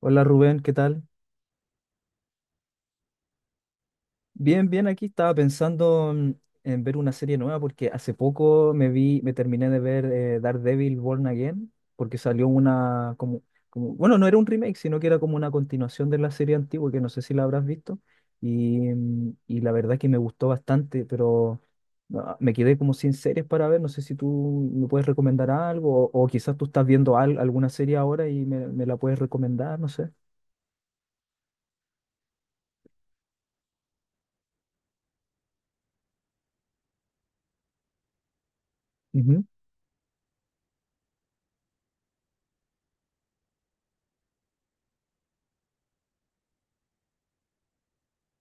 Hola Rubén, ¿qué tal? Bien, bien, aquí estaba pensando en ver una serie nueva porque hace poco me terminé de ver Daredevil Born Again, porque salió una bueno, no era un remake, sino que era como una continuación de la serie antigua, que no sé si la habrás visto, y la verdad que me gustó bastante, pero me quedé como sin series para ver, no sé si tú me puedes recomendar algo, o quizás tú estás viendo alguna serie ahora y me la puedes recomendar, no sé.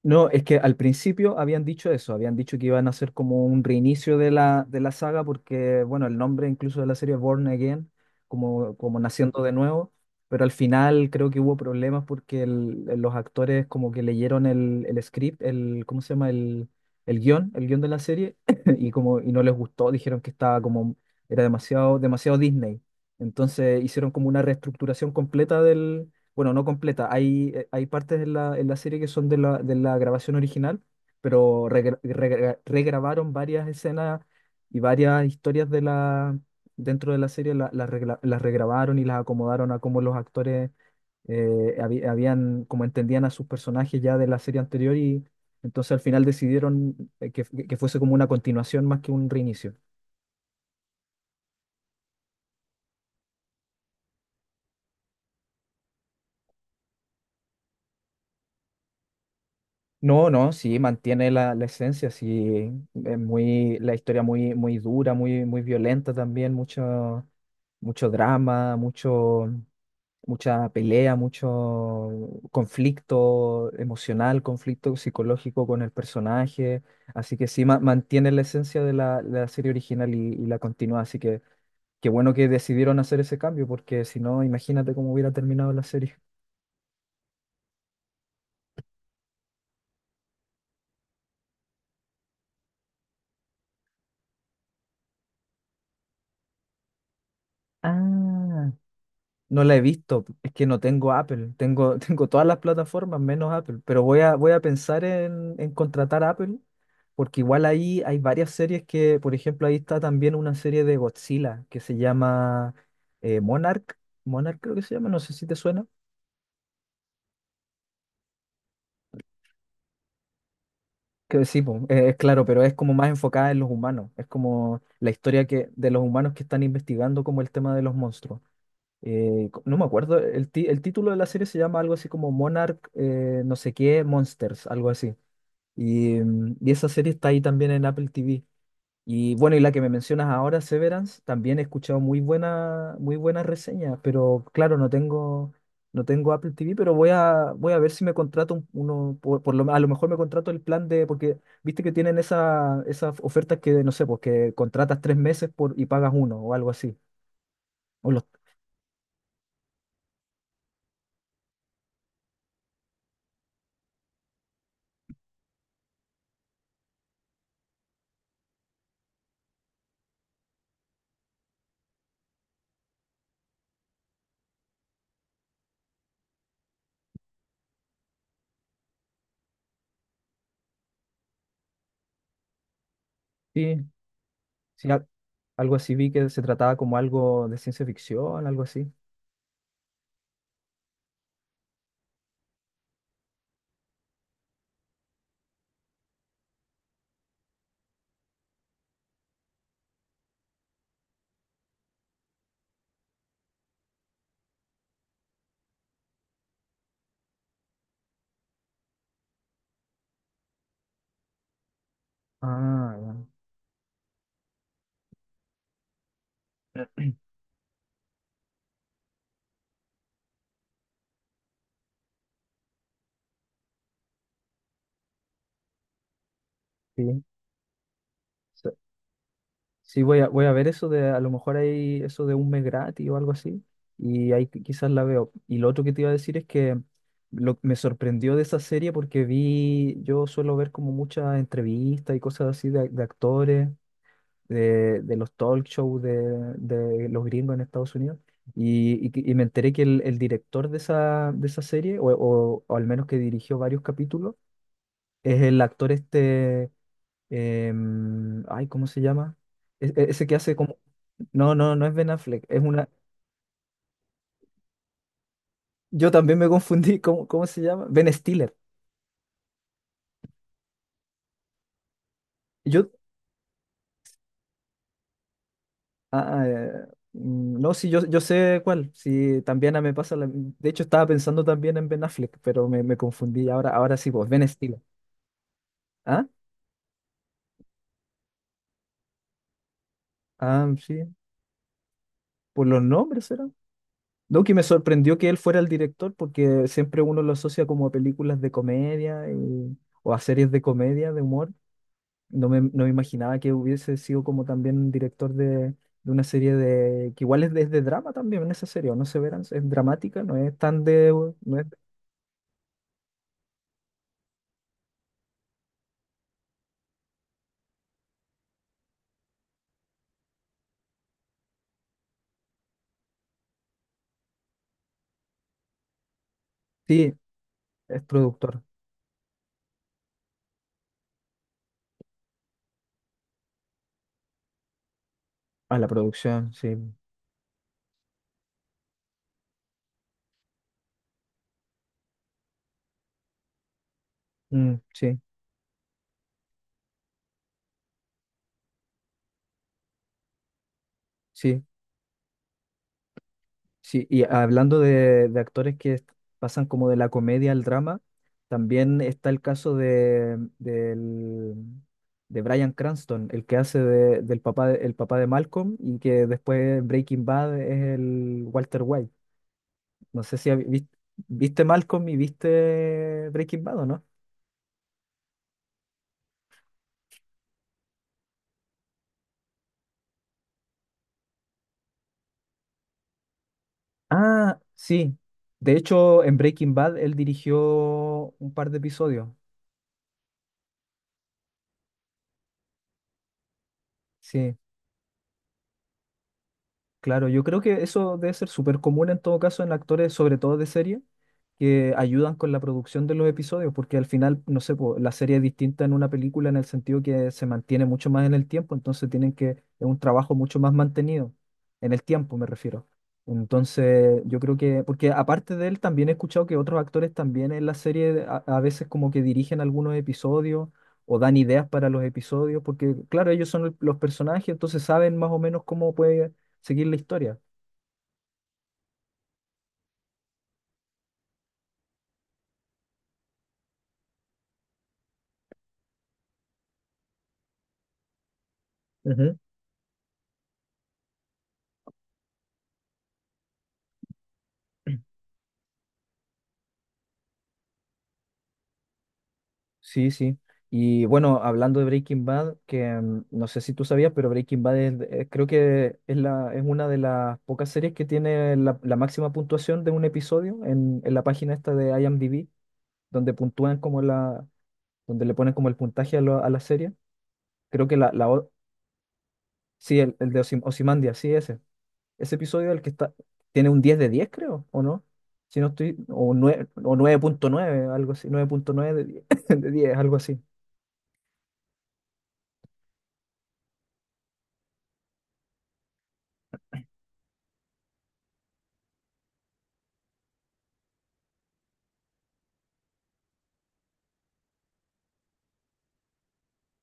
No, es que al principio habían dicho eso, habían dicho que iban a hacer como un reinicio de la saga, porque, bueno, el nombre incluso de la serie es Born Again, como naciendo de nuevo, pero al final creo que hubo problemas porque los actores como que leyeron el script, ¿cómo se llama? El guión, el guión de la serie, y no les gustó, dijeron que estaba como, era demasiado, demasiado Disney. Entonces hicieron como una reestructuración completa, bueno, no completa. Hay partes en la serie que son de la grabación original, pero regrabaron varias escenas y varias historias de dentro de la serie, las regrabaron y las acomodaron a cómo los actores habían, como entendían a sus personajes ya de la serie anterior y entonces al final decidieron que fuese como una continuación más que un reinicio. No, no, sí, mantiene la esencia, sí, la historia muy, muy dura, muy, muy violenta también, mucho, mucho drama, mucho, mucha pelea, mucho conflicto emocional, conflicto psicológico con el personaje, así que sí, mantiene la esencia de la serie original y la continúa, así que qué bueno que decidieron hacer ese cambio, porque si no, imagínate cómo hubiera terminado la serie. Ah. No la he visto, es que no tengo Apple, tengo todas las plataformas menos Apple, pero voy a pensar en contratar a Apple, porque igual ahí hay varias series que, por ejemplo, ahí está también una serie de Godzilla que se llama eh, Monarch, Monarch, creo que se llama, no sé si te suena, que sí, po, es claro, pero es como más enfocada en los humanos, es como la historia que, de los humanos que están investigando como el tema de los monstruos. No me acuerdo, el título de la serie se llama algo así como Monarch, no sé qué, Monsters, algo así. Y esa serie está ahí también en Apple TV. Y bueno, y la que me mencionas ahora, Severance, también he escuchado muy buena, muy buenas reseñas, pero claro, no tengo Apple TV, pero voy a ver si me contrato uno, a lo mejor me contrato el plan de, porque viste que tienen esa, esas ofertas que, no sé, pues que contratas 3 meses por, y pagas uno o algo así. O los, sí, sí, algo así vi que se trataba como algo de ciencia ficción, algo así. Ah, ya. Sí. So- Sí, voy a ver eso de, a lo mejor hay eso de un mes gratis o algo así, y ahí quizás la veo. Y lo otro que te iba a decir es que me sorprendió de esa serie porque yo suelo ver como muchas entrevistas y cosas así de actores, de los talk shows de los gringos en Estados Unidos. Y me enteré que el director de esa serie, o al menos que dirigió varios capítulos, es el actor este, ay, ¿cómo se llama? Ese que hace como... No, no, no es Ben Affleck, es una... Yo también me confundí, ¿cómo se llama? Ben Stiller. Yo. ah, ah, eh, no, sí, yo sé cuál. Sí, también me pasa. De hecho, estaba pensando también en Ben Affleck, pero me confundí. Ahora, ahora sí, vos, Ben Stiller. Ah, ah, sí, por los nombres era. No, que me sorprendió que él fuera el director porque siempre uno lo asocia como a películas de comedia o a series de comedia, de humor. No me imaginaba que hubiese sido como también un director de una serie de... que igual es de drama también en esa serie, ¿o ¿no se verán? Es dramática, no es tan de, no es- sí, es productor. A la producción, sí. Mm, sí, sí. Sí, y hablando de actores que pasan como de la comedia al drama, también está el caso de Bryan Cranston, el que hace el papá de Malcolm y que después en Breaking Bad es el Walter White. No sé si viste Malcolm y viste Breaking Bad o no. Ah, sí. De hecho, en Breaking Bad él dirigió un par de episodios. Sí. Claro, yo creo que eso debe ser súper común en todo caso en actores, sobre todo de serie, que ayudan con la producción de los episodios, porque al final, no sé, po, la serie es distinta en una película en el sentido que se mantiene mucho más en el tiempo, entonces es un trabajo mucho más mantenido, en el tiempo me refiero. Entonces, porque aparte de él, también he escuchado que otros actores también en la serie a veces como que dirigen algunos episodios o dan ideas para los episodios, porque claro, ellos son los personajes, entonces saben más o menos cómo puede seguir la historia. Ujú. Sí, sí. Y bueno, hablando de Breaking Bad, que no sé si tú sabías, pero Breaking Bad creo que es una de las pocas series que tiene la máxima puntuación de un episodio en la página esta de IMDb, donde puntúan como donde le ponen como el puntaje a la serie. Creo que sí, el de Ozymandias, sí, ese. Ese episodio, el que está, tiene un 10/10 creo, ¿o no? Si no estoy, o 9 o 9,9 algo así, 9,9/10 de 10 algo así.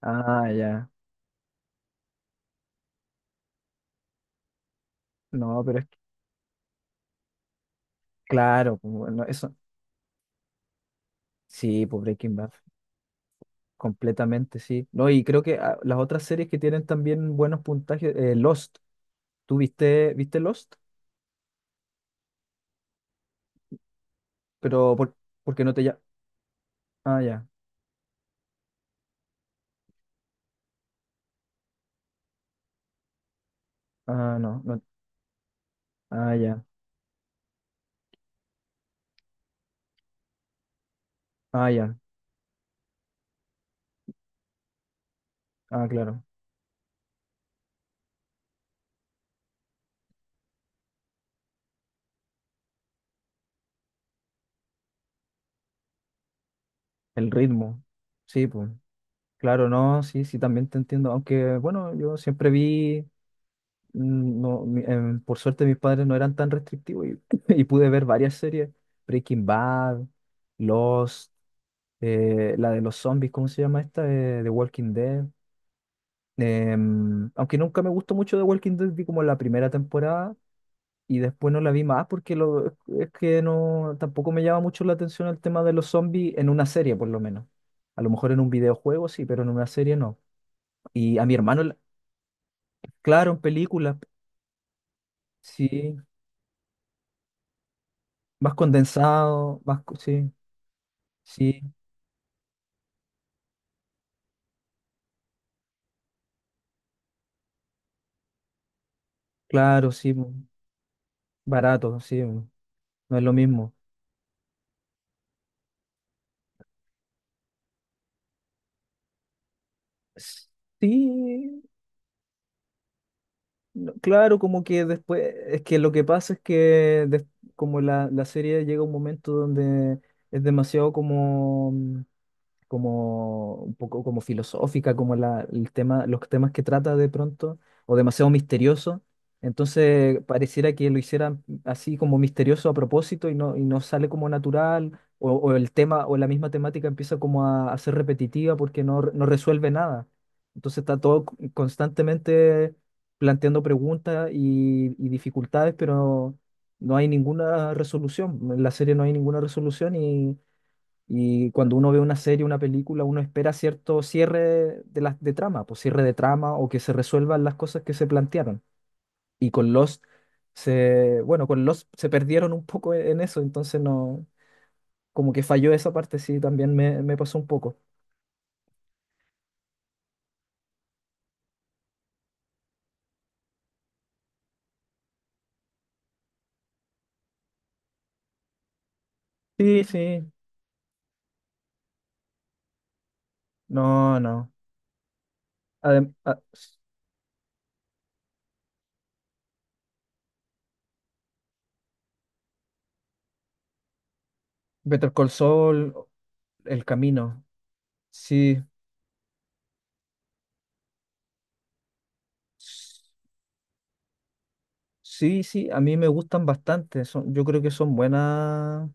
Ah, ya. No, pero es que, claro, pues, bueno, eso. Sí, pues Breaking Bad, completamente, sí. No, y creo que las otras series que tienen también buenos puntajes, Lost. ¿Tú viste Lost? Pero, ¿porque no te ya? Ah, ya. Ah, no, no. Ah, ya. Ah, ya. Ah, claro. El ritmo. Sí, pues. Claro, no, sí, sí, también te entiendo. Aunque, bueno, yo siempre vi, mm, no, mi- em, por suerte mis padres no eran tan restrictivos y pude ver varias series. Breaking Bad, Lost, la de los zombies, ¿cómo se llama esta? The Walking Dead. Aunque nunca me gustó mucho The Walking Dead, vi como la primera temporada y después no la vi más porque es que no, tampoco me llama mucho la atención el tema de los zombies en una serie, por lo menos. A lo mejor en un videojuego sí, pero en una serie no. Y a mi hermano, claro, en películas, sí, más condensado, sí, sí, claro, sí, po, barato, sí, po, no es lo mismo. S- Sí, no, claro, como que después, es que lo que pasa es que como la serie llega a un momento donde es demasiado como un poco como filosófica, como los temas que trata de pronto, o demasiado misterioso. Entonces pareciera que lo hicieran así como misterioso a propósito y no sale como natural, o el tema o la misma temática empieza como a ser repetitiva porque no resuelve nada. Entonces está todo constantemente planteando preguntas y dificultades, pero no hay ninguna resolución. En la serie no hay ninguna resolución y cuando uno ve una serie, una película, uno espera cierto cierre de, las de trama, pues cierre de trama o que se resuelvan las cosas que se plantearon. Y con Lost se perdieron un poco en eso, entonces no, como que falló esa parte, sí, también me pasó un poco. Sí, sí, no, no. Adem- a- Better Call Saul, El Camino, sí, s- sí, sí, a mí me gustan bastante, son, yo creo que son buenas.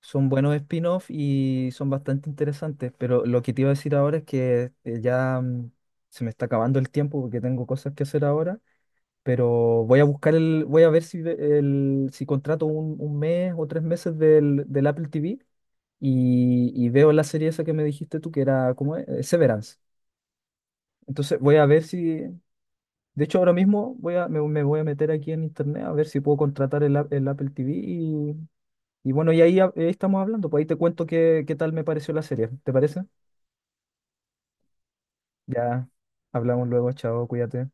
Son buenos spin-off y son bastante interesantes, pero lo que te iba a decir ahora es que ya, se me está acabando el tiempo porque tengo cosas que hacer ahora, pero voy a buscar voy a ver si contrato un mes o tres meses del Apple TV y veo la serie esa que me dijiste tú que era, ¿cómo es? Severance. Entonces voy a ver si, de hecho ahora mismo me voy a meter aquí en internet a ver si puedo contratar el Apple TV y bueno, y ahí estamos hablando, pues ahí te cuento qué, tal me pareció la serie, ¿te parece? Ya hablamos luego, chao, cuídate.